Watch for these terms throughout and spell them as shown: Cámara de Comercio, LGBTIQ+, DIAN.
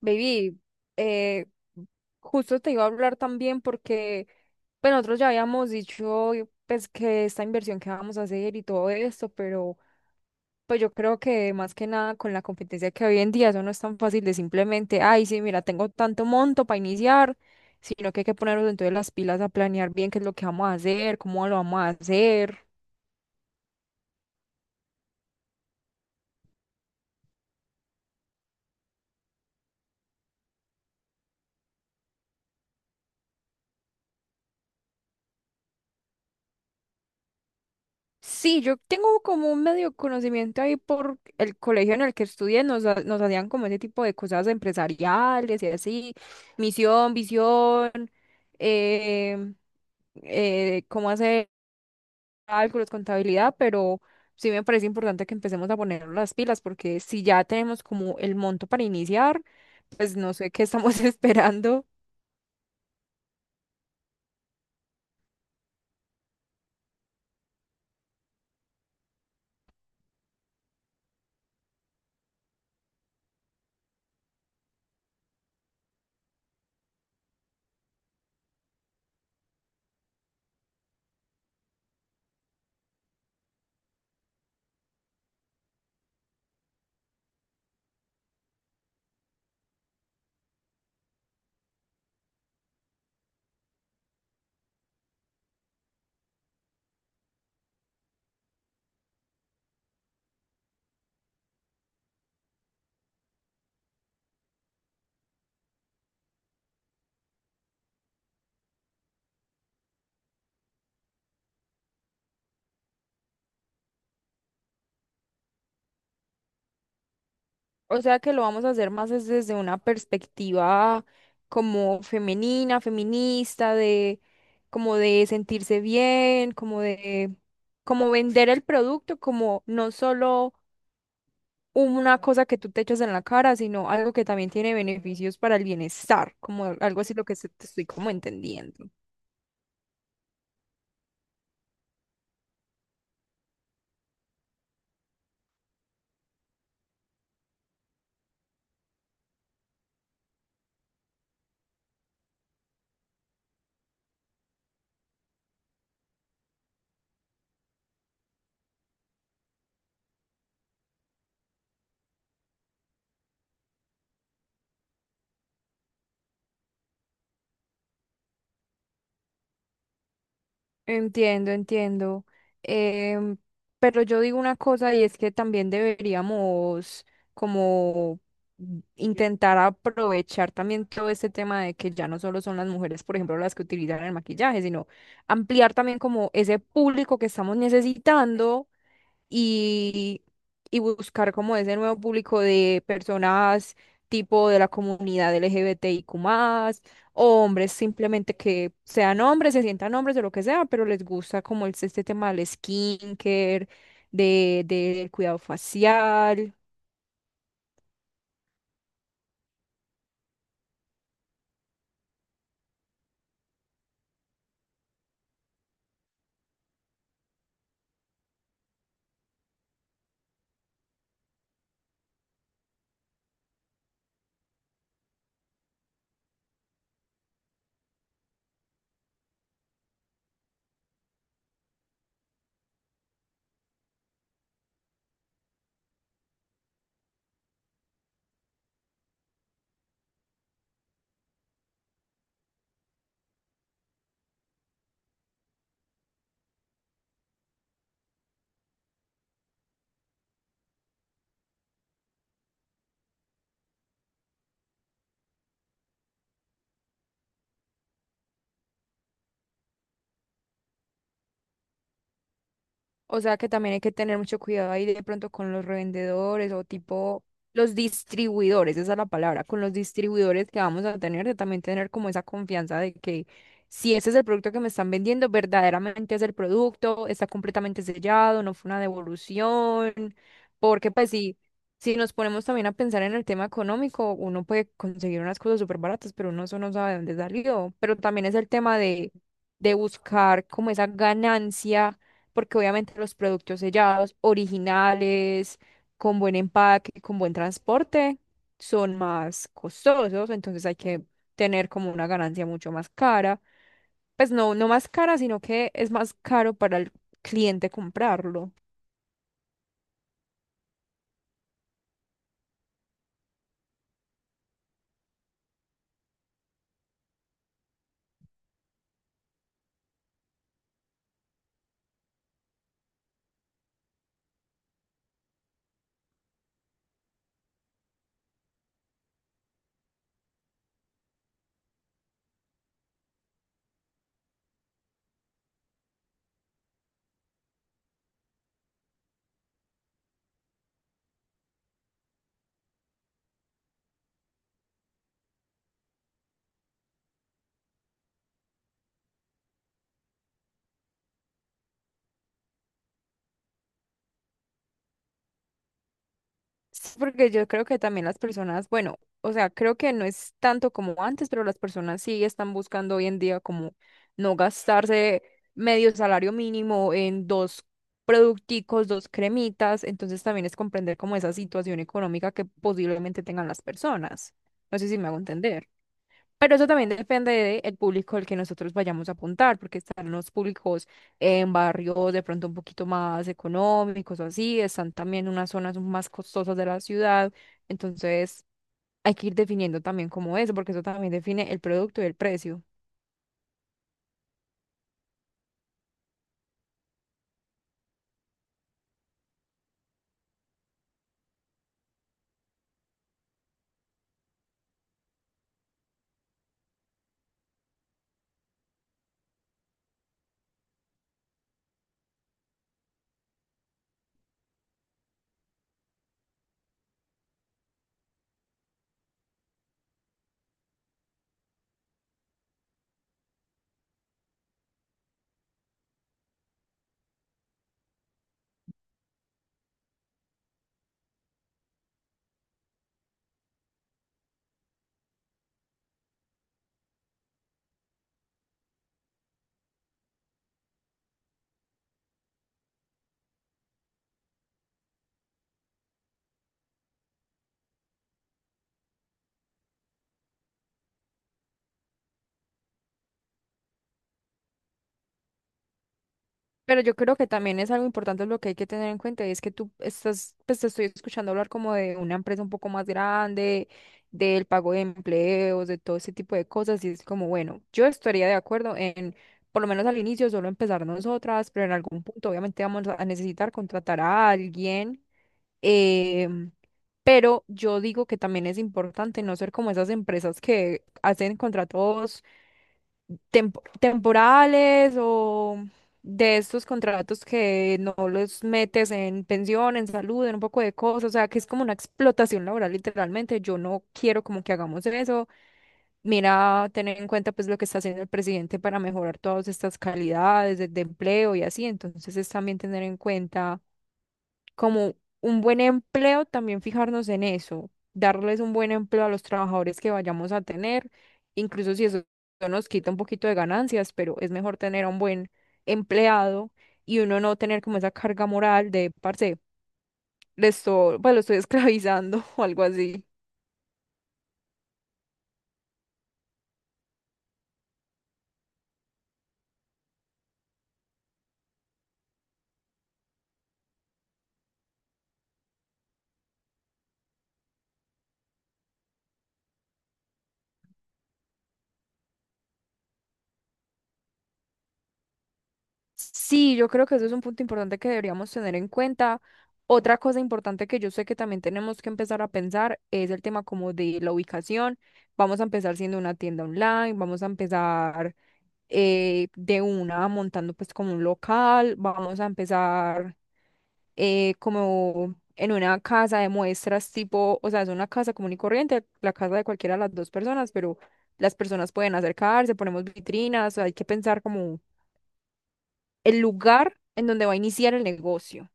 Baby, eh, justo te iba a hablar también porque pues, nosotros ya habíamos dicho pues que esta inversión que vamos a hacer y todo esto, pero pues yo creo que más que nada con la competencia que hoy en día eso no es tan fácil de simplemente, ay, sí, mira, tengo tanto monto para iniciar, sino que hay que ponernos entonces las pilas a planear bien qué es lo que vamos a hacer, cómo lo vamos a hacer. Sí, yo tengo como un medio conocimiento ahí por el colegio en el que estudié, nos hacían como ese tipo de cosas empresariales y así, misión, visión, eh, cómo hacer cálculos, contabilidad, pero sí me parece importante que empecemos a poner las pilas porque si ya tenemos como el monto para iniciar, pues no sé qué estamos esperando. O sea que lo vamos a hacer más es desde una perspectiva como femenina, feminista, de como de sentirse bien, como de como vender el producto como no solo una cosa que tú te echas en la cara, sino algo que también tiene beneficios para el bienestar, como algo así lo que te estoy como entendiendo. Entiendo, entiendo. Em, pero yo digo una cosa y es que también deberíamos como intentar aprovechar también todo este tema de que ya no solo son las mujeres, por ejemplo, las que utilizan el maquillaje, sino ampliar también como ese público que estamos necesitando y, y buscar como ese nuevo público de personas tipo de la comunidad LGBTIQ+, o hombres simplemente que sean hombres, se sientan hombres o lo que sea, pero les gusta como este tema del skincare, del cuidado facial. O sea que también hay que tener mucho cuidado ahí de pronto con los revendedores o tipo los distribuidores, esa es la palabra, con los distribuidores que vamos a tener, de también tener como esa confianza de que si ese es el producto que me están vendiendo, verdaderamente es el producto, está completamente sellado, no fue una devolución, porque pues sí si nos ponemos también a pensar en el tema económico, uno puede conseguir unas cosas súper baratas, pero uno eso no sabe de dónde salió, pero también es el tema de buscar como esa ganancia porque obviamente los productos sellados, originales, con buen empaque, con buen transporte, son más costosos, entonces hay que tener como una ganancia mucho más cara. Pues no, no más cara, sino que es más caro para el cliente comprarlo. Sí, porque yo creo que también las personas, bueno, o sea, creo que no es tanto como antes, pero las personas sí están buscando hoy en día como no gastarse medio salario mínimo en dos producticos, dos cremitas, entonces también es comprender como esa situación económica que posiblemente tengan las personas. No sé si me hago entender. Pero eso también depende del público al que nosotros vayamos a apuntar, porque están los públicos en barrios de pronto un poquito más económicos o así, están también unas zonas más costosas de la ciudad, entonces hay que ir definiendo también cómo es, porque eso también define el producto y el precio. Pero yo creo que también es algo importante lo que hay que tener en cuenta, y es que tú estás, pues te estoy escuchando hablar como de una empresa un poco más grande, del pago de empleos, de todo ese tipo de cosas, y es como, bueno, yo estaría de acuerdo en, por lo menos al inicio, solo empezar nosotras, pero en algún punto obviamente vamos a necesitar contratar a alguien. em, pero yo digo que también es importante no ser como esas empresas que hacen contratos temporales o de estos contratos que no los metes en pensión, en salud, en un poco de cosas, o sea, que es como una explotación laboral literalmente. Yo no quiero como que hagamos eso. Mira, tener en cuenta pues lo que está haciendo el presidente para mejorar todas estas calidades de empleo y así, entonces es también tener en cuenta como un buen empleo, también fijarnos en eso, darles un buen empleo a los trabajadores que vayamos a tener, incluso si eso nos quita un poquito de ganancias, pero es mejor tener a un buen empleado y uno no tener como esa carga moral de, parce, pues lo estoy esclavizando o algo así. Sí, yo creo que eso es un punto importante que deberíamos tener en cuenta. Otra cosa importante que yo sé que también tenemos que empezar a pensar es el tema como de la ubicación. Vamos a empezar siendo una tienda online, vamos a empezar de una montando pues como un local, vamos a empezar como en una casa de muestras tipo, o sea, es una casa común y corriente, la casa de cualquiera de las dos personas, pero las personas pueden acercarse, ponemos vitrinas, hay que pensar como el lugar en donde va a iniciar el negocio.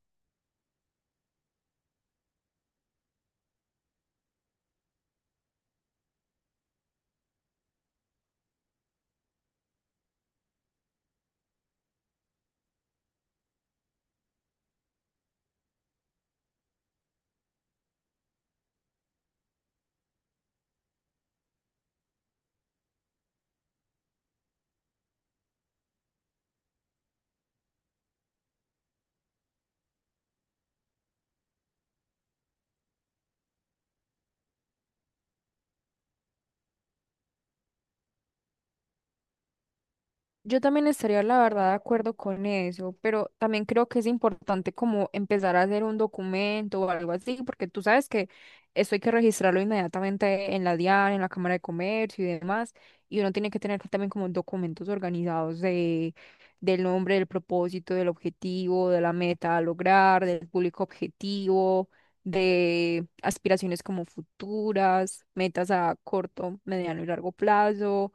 Yo también estaría, la verdad, de acuerdo con eso, pero también creo que es importante como empezar a hacer un documento o algo así, porque tú sabes que esto hay que registrarlo inmediatamente en la DIAN, en la Cámara de Comercio y demás, y uno tiene que tener también como documentos organizados del nombre, del propósito, del objetivo, de la meta a lograr, del público objetivo, de aspiraciones como futuras, metas a corto, mediano y largo plazo.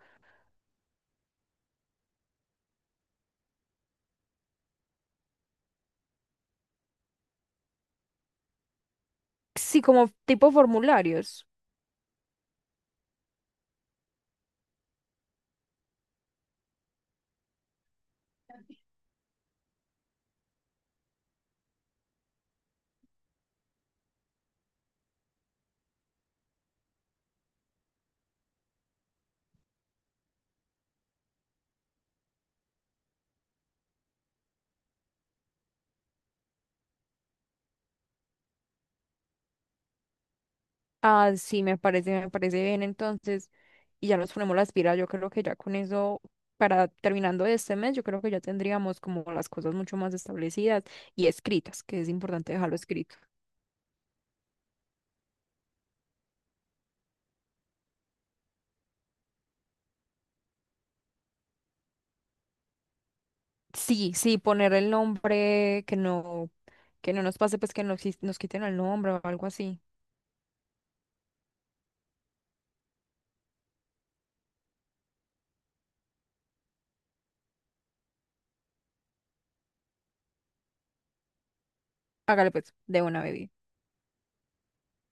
Sí, como tipo formularios. Ah, sí, me parece bien entonces. Y ya nos ponemos las pilas. Yo creo que ya con eso, para terminando este mes, yo creo que ya tendríamos como las cosas mucho más establecidas y escritas, que es importante dejarlo escrito. Sí, sí, poner el nombre, que no nos pase, pues que nos, nos quiten el nombre o algo así. Hágale pues, de una bebida.